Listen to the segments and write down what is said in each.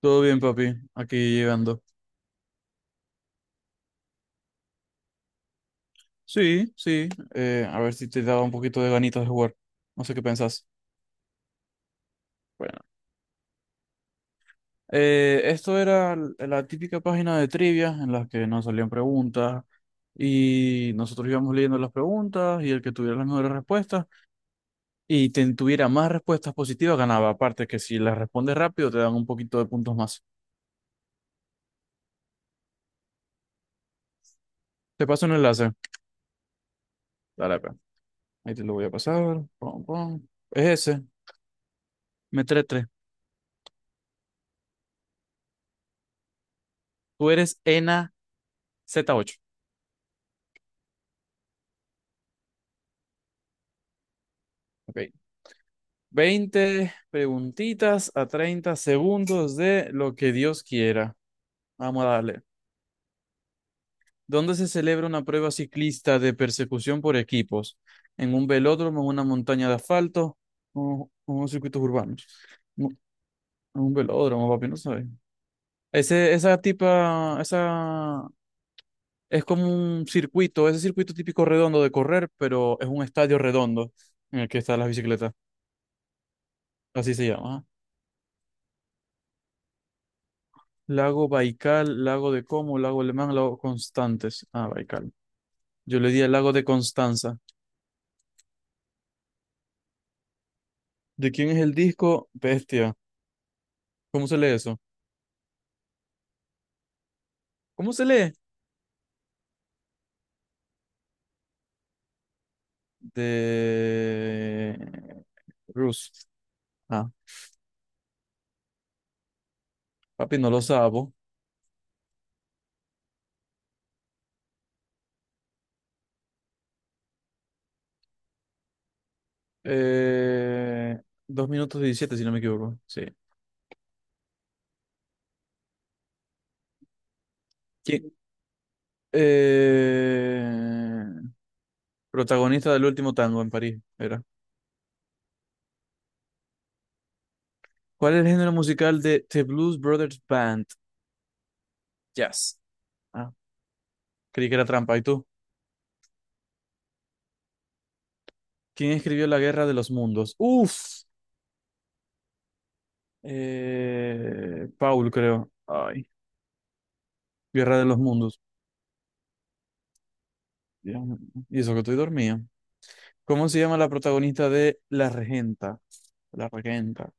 Todo bien, papi. Aquí llegando. Sí, sí. A ver si te daba un poquito de ganitas de jugar. No sé qué pensás. Bueno. Esto era la típica página de trivia en la que nos salían preguntas y nosotros íbamos leyendo las preguntas y el que tuviera las mejores respuestas y tuviera más respuestas positivas ganaba. Aparte que si las respondes rápido te dan un poquito de puntos más. Te paso un enlace. Dale, pe. Ahí te lo voy a pasar. Pum, pum. Es ese. Metre 3. Tú eres ENA Z8. Ok. 20 preguntitas a 30 segundos de lo que Dios quiera. Vamos a darle. ¿Dónde se celebra una prueba ciclista de persecución por equipos? ¿En un velódromo, en una montaña de asfalto o en unos circuitos urbanos? No, en un velódromo, papi, no sabes. Ese, esa tipa, esa es como un circuito, ese circuito típico redondo de correr, pero es un estadio redondo en el que están las bicicletas. Así se llama. Lago Baikal, lago de Como, lago Alemán, lago Constantes. Ah, Baikal. Yo le di al lago de Constanza. ¿De quién es el disco? Bestia. ¿Cómo se lee eso? ¿Cómo se lee? De Rus. Ah, papi, no lo sabo. Eh, 2 minutos 17, si no me equivoco. Sí. ¿Quién? Eh, Protagonista del último tango en París, era. ¿Cuál es el género musical de The Blues Brothers Band? Jazz. Ah, creí que era trampa. ¿Y tú? ¿Quién escribió La Guerra de los Mundos? Uf, Paul, creo. Ay, Guerra de los Mundos. Dios mío. Y eso que estoy dormido. ¿Cómo se llama la protagonista de La Regenta? La Regenta.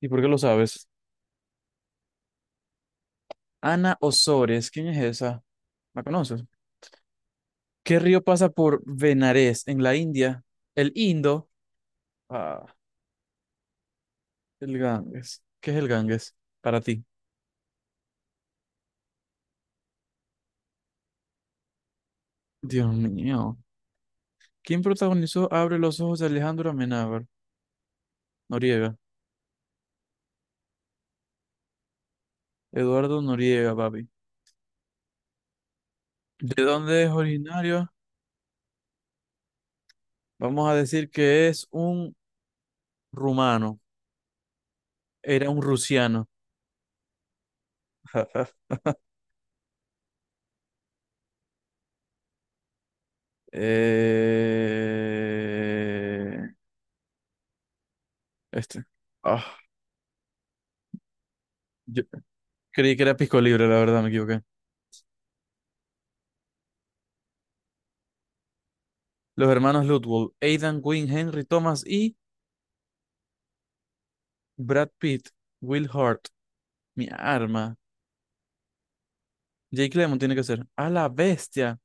¿Y por qué lo sabes? Ana Osores. ¿Quién es esa? ¿La conoces? ¿Qué río pasa por Benares en la India? El Indo. Ah, el Ganges. ¿Qué es el Ganges para ti? Dios mío. ¿Quién protagonizó Abre los ojos de Alejandro Amenábar? Noriega. Eduardo Noriega, papi. ¿De dónde es originario? Vamos a decir que es un rumano. Era un rusiano. Eh, Este. Ah, yo creí que era Pisco Libre, la verdad, me equivoqué. Los hermanos Ludwig, Aidan Quinn, Henry Thomas y Brad Pitt, Will Hurt, mi arma. Jake Lemmon tiene que ser. A la bestia.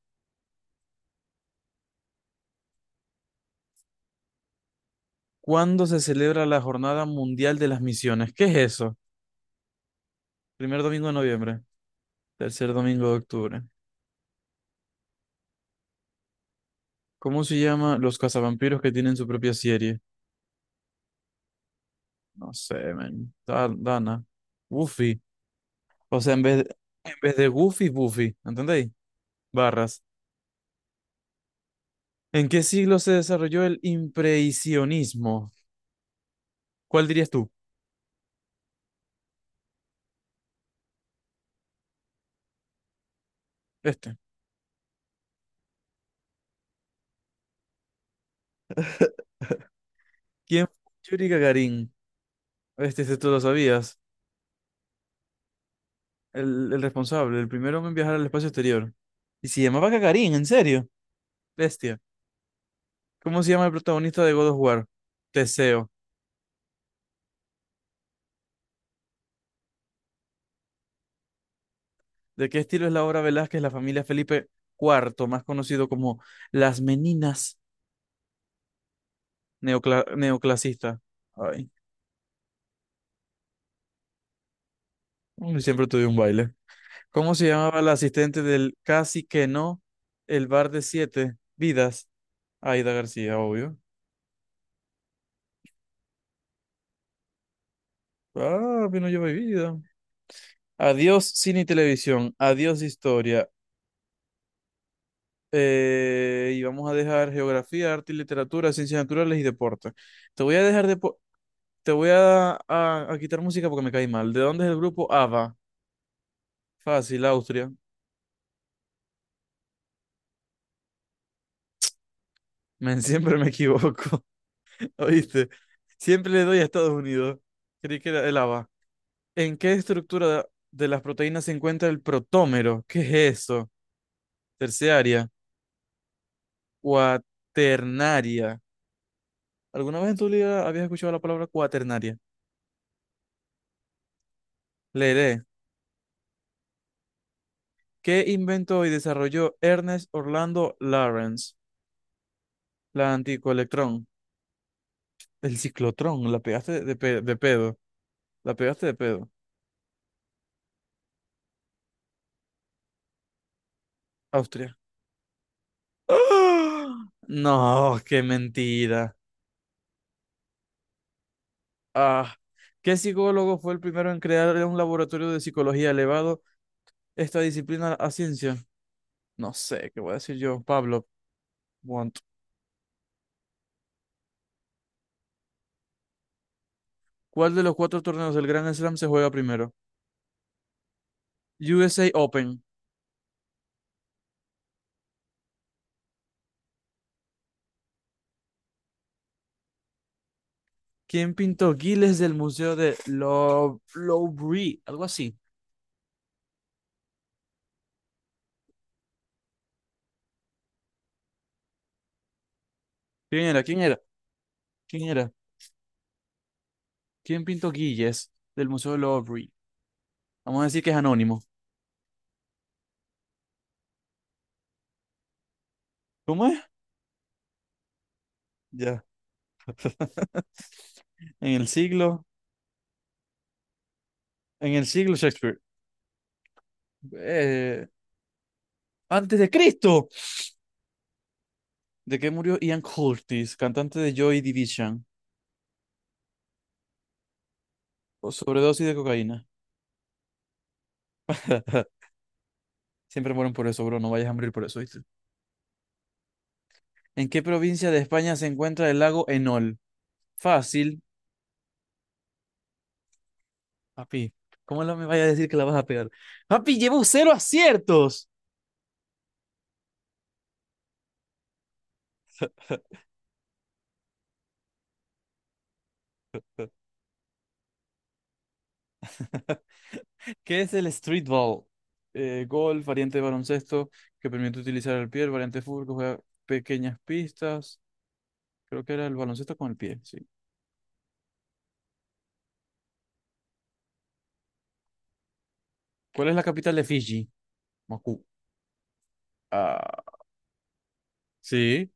¿Cuándo se celebra la Jornada Mundial de las Misiones? ¿Qué es eso? Primer domingo de noviembre. Tercer domingo de octubre. ¿Cómo se llama los cazavampiros que tienen su propia serie? No sé, man. Dana. Buffy. O sea, en vez de Goofy, Buffy. ¿Entendéis? Barras. ¿En qué siglo se desarrolló el impresionismo? ¿Cuál dirías tú? Este. ¿Quién fue Yuri Gagarin? Este tú lo sabías. El responsable, el primer hombre en viajar al espacio exterior. Y se llamaba Gagarin, ¿en serio? Bestia. ¿Cómo se llama el protagonista de God of War? Teseo. ¿De qué estilo es la obra Velázquez, la familia Felipe IV, más conocido como Las Meninas neoclasista? Ay, uy, siempre tuve un baile. ¿Cómo se llamaba la asistente del Casi que no, el bar de siete vidas? Aida García, obvio. Ah, pero no lleva vida. Adiós cine y televisión, adiós historia. Y vamos a dejar geografía, arte y literatura, ciencias naturales y deporte. Te voy a dejar de Te voy a, a quitar música porque me caí mal. ¿De dónde es el grupo ABBA? Fácil, Austria. Men, siempre me equivoco, ¿oíste? Siempre le doy a Estados Unidos. Creí que era el ABBA. ¿En qué estructura de las proteínas se encuentra el protómero? ¿Qué es eso? Terciaria, cuaternaria. ¿Alguna vez en tu vida habías escuchado la palabra cuaternaria? Leeré. ¿Qué inventó y desarrolló Ernest Orlando Lawrence? La anticoelectrón. El ciclotrón, la pegaste de, de pedo. La pegaste de pedo. Austria. ¡Ah! No, qué mentira. Ah, ¿qué psicólogo fue el primero en crear un laboratorio de psicología elevado esta disciplina a ciencia? No sé, ¿qué voy a decir yo? Pablo, want. ¿Cuál de los cuatro torneos del Grand Slam se juega primero? USA Open. ¿Quién pintó Giles del Museo de Louvre? Algo así. ¿Quién era? ¿Quién era? ¿Quién era? ¿Quién pintó Giles del Museo de Louvre? Vamos a decir que es anónimo. ¿Cómo es? Ya En el siglo, en el siglo Shakespeare. eh, Antes de Cristo, de que murió Ian Curtis, cantante de Joy Division, por sobredosis de cocaína. Siempre mueren por eso, bro. No vayas a morir por eso, ¿viste? ¿En qué provincia de España se encuentra el lago Enol? Fácil, papi. ¿Cómo no me vaya a decir que la vas a pegar? Papi, llevo 0 aciertos. ¿Qué es el streetball? Golf, variante de baloncesto que permite utilizar el pie, el variante de fútbol que juega pequeñas pistas. Creo que era el baloncesto con el pie, sí. ¿Cuál es la capital de Fiji? Moscú. Ah, sí.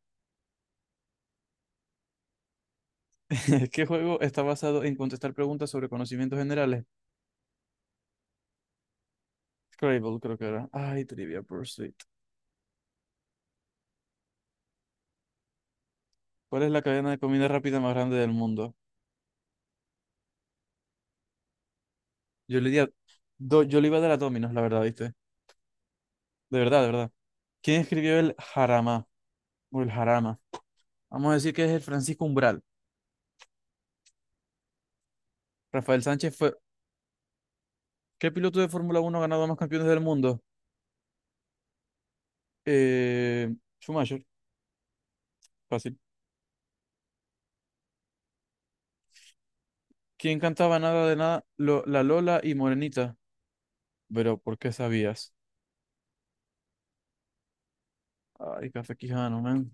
¿Qué juego está basado en contestar preguntas sobre conocimientos generales? Scrabble, creo que era. Ay, Trivia Pursuit. ¿Cuál es la cadena de comida rápida más grande del mundo? Yo le di yo le iba a dar a Domino's, la verdad, ¿viste? De verdad, de verdad. ¿Quién escribió el Jarama? O el Jarama. Vamos a decir que es el Francisco Umbral. Rafael Sánchez fue... ¿Qué piloto de Fórmula 1 ha ganado más campeones del mundo? Eh... Schumacher. Fácil. ¿Quién cantaba nada de nada? La Lola y Morenita. Pero, ¿por qué sabías? Ay, Café Quijano, man.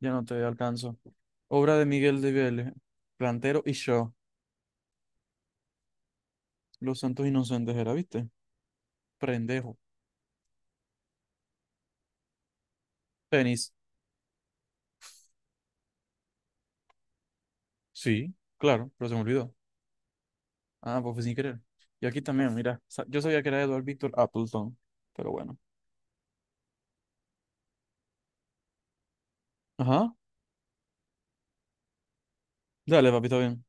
Ya no te alcanzo. Obra de Miguel de Vélez. Plantero y yo. Los Santos Inocentes era, ¿viste? Prendejo. Tenis. Sí, claro, pero se me olvidó. Ah, pues fue sin querer. Y aquí también, mira. Yo sabía que era Edward Victor Appleton. Pero bueno. Ajá. Dale, papito, bien.